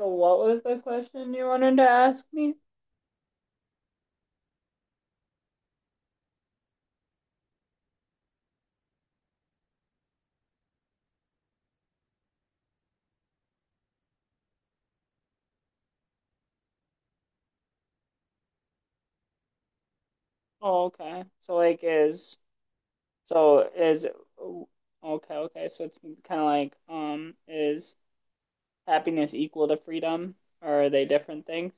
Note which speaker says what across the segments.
Speaker 1: So what was the question you wanted to ask me? Oh, okay. So like is so is okay, okay. So it's kind of like is happiness equal to freedom or are they different things?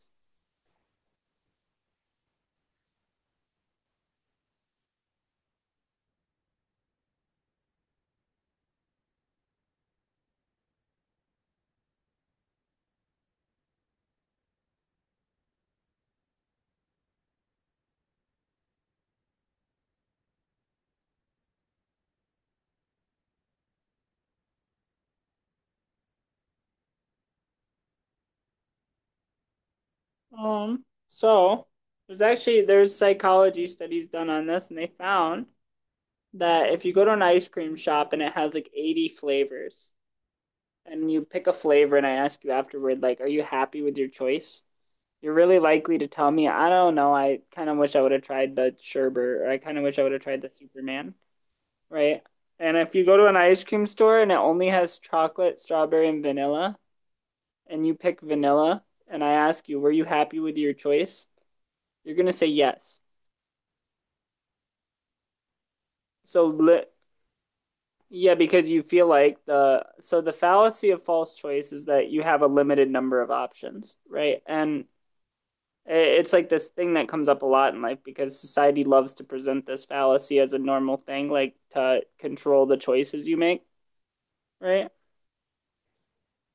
Speaker 1: So there's psychology studies done on this, and they found that if you go to an ice cream shop and it has like 80 flavors and you pick a flavor and I ask you afterward, like, are you happy with your choice? You're really likely to tell me, I don't know, I kind of wish I would have tried the sherbet, or I kind of wish I would have tried the Superman, right? And if you go to an ice cream store and it only has chocolate, strawberry, and vanilla, and you pick vanilla, and I ask you, were you happy with your choice? You're gonna say yes. So, li Yeah, because you feel like so the fallacy of false choice is that you have a limited number of options, right? And it's like this thing that comes up a lot in life because society loves to present this fallacy as a normal thing, like to control the choices you make, right?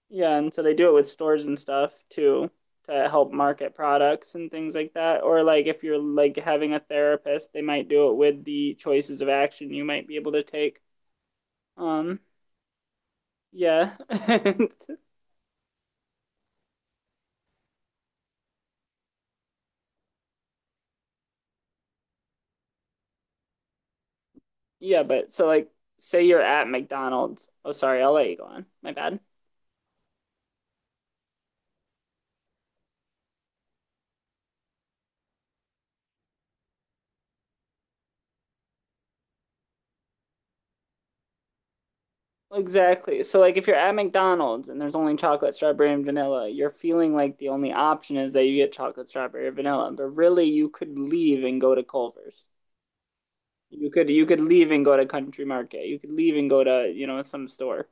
Speaker 1: Yeah, and so they do it with stores and stuff too, to help market products and things like that. Or like if you're like having a therapist, they might do it with the choices of action you might be able to take. Um, yeah. Yeah, but so like, say you're at McDonald's. Oh, sorry, I'll let you go on. My bad. Exactly. So like if you're at McDonald's and there's only chocolate, strawberry, and vanilla, you're feeling like the only option is that you get chocolate, strawberry, or vanilla. But really you could leave and go to Culver's. You could leave and go to Country Market. You could leave and go to, you know, some store.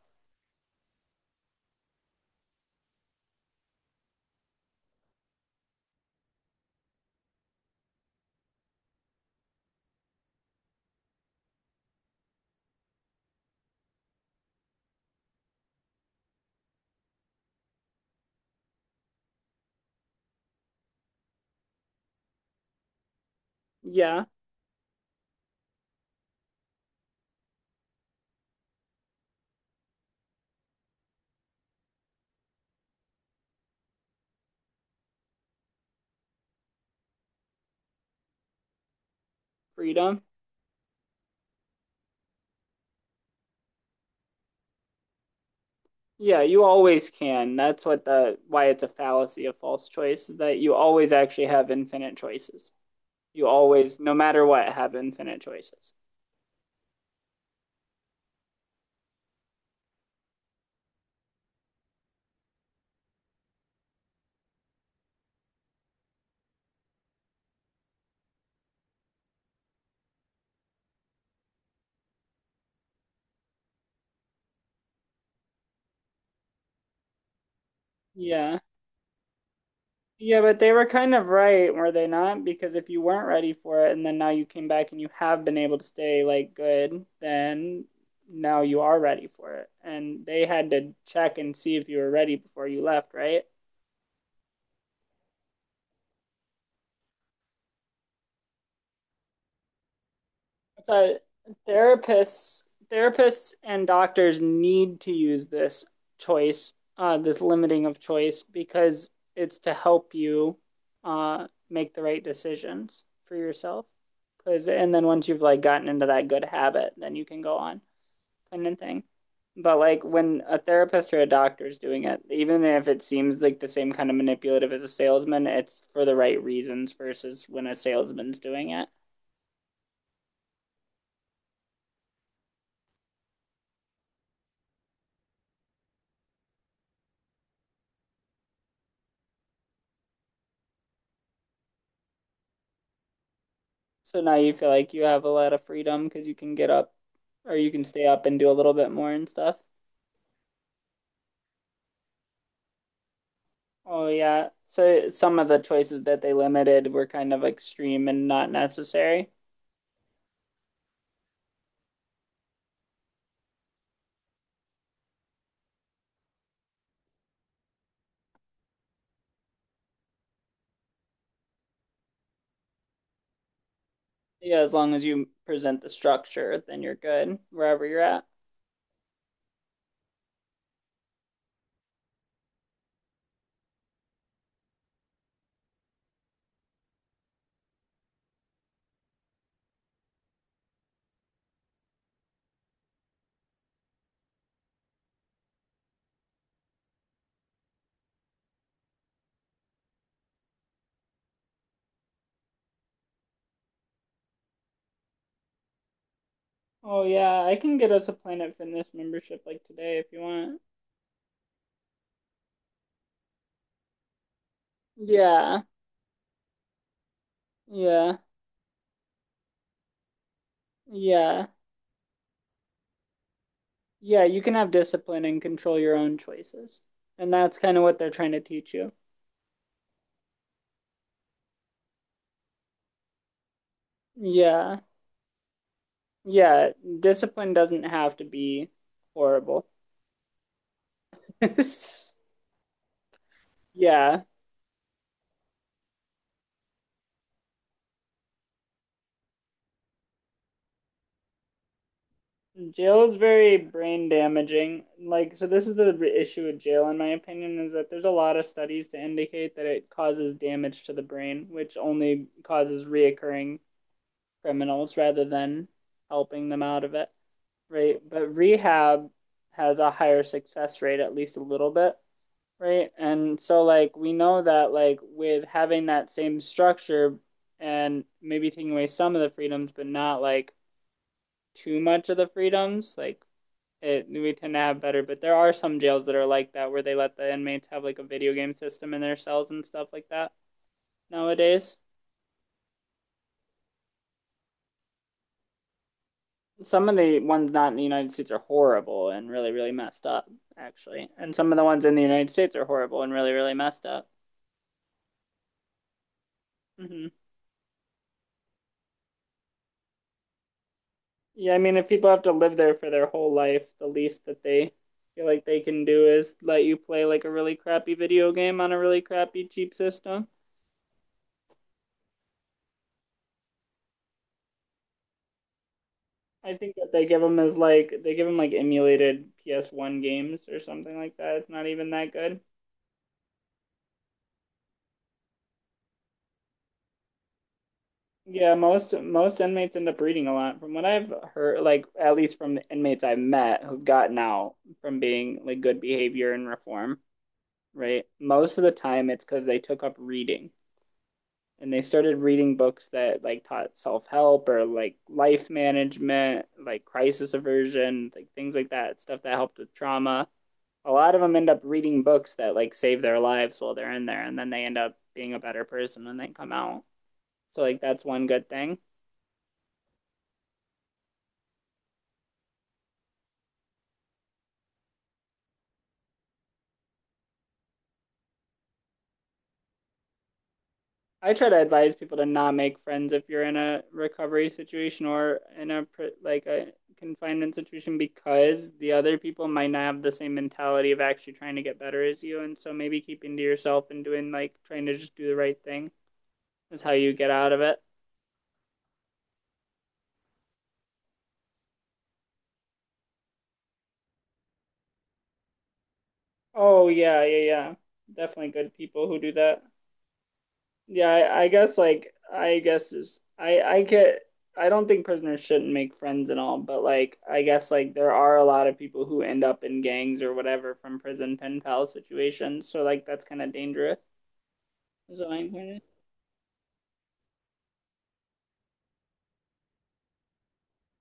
Speaker 1: Yeah, freedom. Yeah, you always can. That's what the why it's a fallacy of false choice, is that you always actually have infinite choices. You always, no matter what, have infinite choices. Yeah. Yeah, but they were kind of right, were they not? Because if you weren't ready for it and then now you came back and you have been able to stay like good, then now you are ready for it. And they had to check and see if you were ready before you left, right? So therapists, therapists and doctors need to use this limiting of choice, because it's to help you make the right decisions for yourself. Because, and then once you've like gotten into that good habit, then you can go on independent thing. But like when a therapist or a doctor is doing it, even if it seems like the same kind of manipulative as a salesman, it's for the right reasons versus when a salesman's doing it. So now you feel like you have a lot of freedom because you can get up or you can stay up and do a little bit more and stuff. Oh yeah. So some of the choices that they limited were kind of extreme and not necessary. Yeah, as long as you present the structure, then you're good wherever you're at. Oh yeah, I can get us a Planet Fitness membership like today if you want. Yeah, yeah, yeah, yeah. You can have discipline and control your own choices, and that's kind of what they're trying to teach you. Yeah, yeah. Discipline doesn't have to be horrible. Yeah. Jail is very brain damaging. Like, so this is the issue with jail, in my opinion, is that there's a lot of studies to indicate that it causes damage to the brain, which only causes reoccurring criminals rather than helping them out of it, right? But rehab has a higher success rate, at least a little bit, right? And so, like, we know that, like, with having that same structure and maybe taking away some of the freedoms, but not like too much of the freedoms, like, it we tend to have better. But there are some jails that are like that, where they let the inmates have like a video game system in their cells and stuff like that nowadays. Some of the ones not in the United States are horrible and really, really messed up, actually. And some of the ones in the United States are horrible and really, really messed up. Hmm. Yeah, I mean, if people have to live there for their whole life, the least that they feel like they can do is let you play like a really crappy video game on a really crappy cheap system. I think that they give him as like they give him like emulated PS1 games or something like that. It's not even that good. Yeah, most inmates end up reading a lot. From what I've heard, like at least from the inmates I've met who've gotten out from being like good behavior and reform, right? Most of the time it's because they took up reading, and they started reading books that like taught self-help or like life management, like crisis aversion, like things like that, stuff that helped with trauma. A lot of them end up reading books that like save their lives while they're in there, and then they end up being a better person when they come out. So like that's one good thing. I try to advise people to not make friends if you're in a recovery situation or in a confinement situation, because the other people might not have the same mentality of actually trying to get better as you, and so maybe keeping to yourself and doing, like, trying to just do the right thing is how you get out of it. Oh yeah, yeah, yeah. Definitely good people who do that. Yeah, I guess like I guess is I get I don't think prisoners shouldn't make friends and all, but like I guess like there are a lot of people who end up in gangs or whatever from prison pen pal situations, so like that's kind of dangerous. Is what I'm hearing.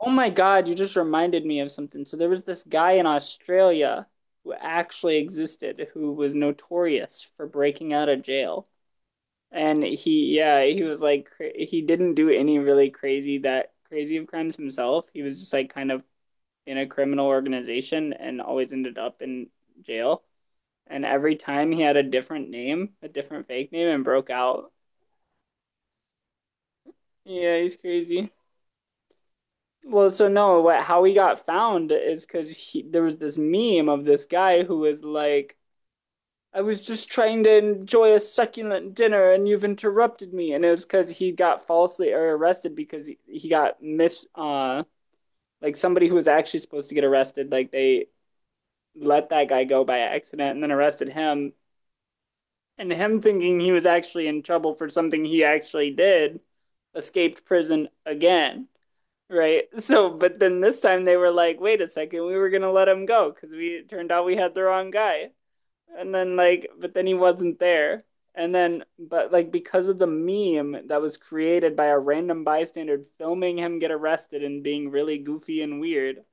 Speaker 1: Oh my God, you just reminded me of something. So there was this guy in Australia who actually existed, who was notorious for breaking out of jail. And he, yeah, he was like, he didn't do any really crazy that crazy of crimes himself. He was just like kind of in a criminal organization and always ended up in jail. And every time he had a different name, a different fake name, and broke out. Yeah, he's crazy. Well, so no, how he got found is because there was this meme of this guy who was like, I was just trying to enjoy a succulent dinner and you've interrupted me. And it was because he got falsely or arrested because he got like, somebody who was actually supposed to get arrested, like they let that guy go by accident and then arrested him, and him thinking he was actually in trouble for something he actually did, escaped prison again, right? So, but then this time they were like, wait a second, we were gonna let him go because we it turned out we had the wrong guy. And then like, but then he wasn't there. And then, but like because of the meme that was created by a random bystander filming him get arrested and being really goofy and weird,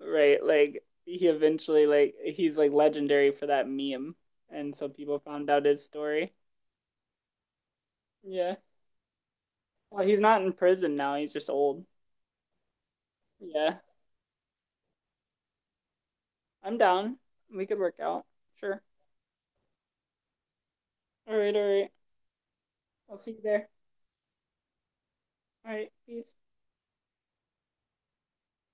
Speaker 1: right? Like he's like legendary for that meme. And so people found out his story. Yeah. Well, he's not in prison now. He's just old. Yeah. I'm down. We could work out. Sure. All right, all right. I'll see you there. All right, peace.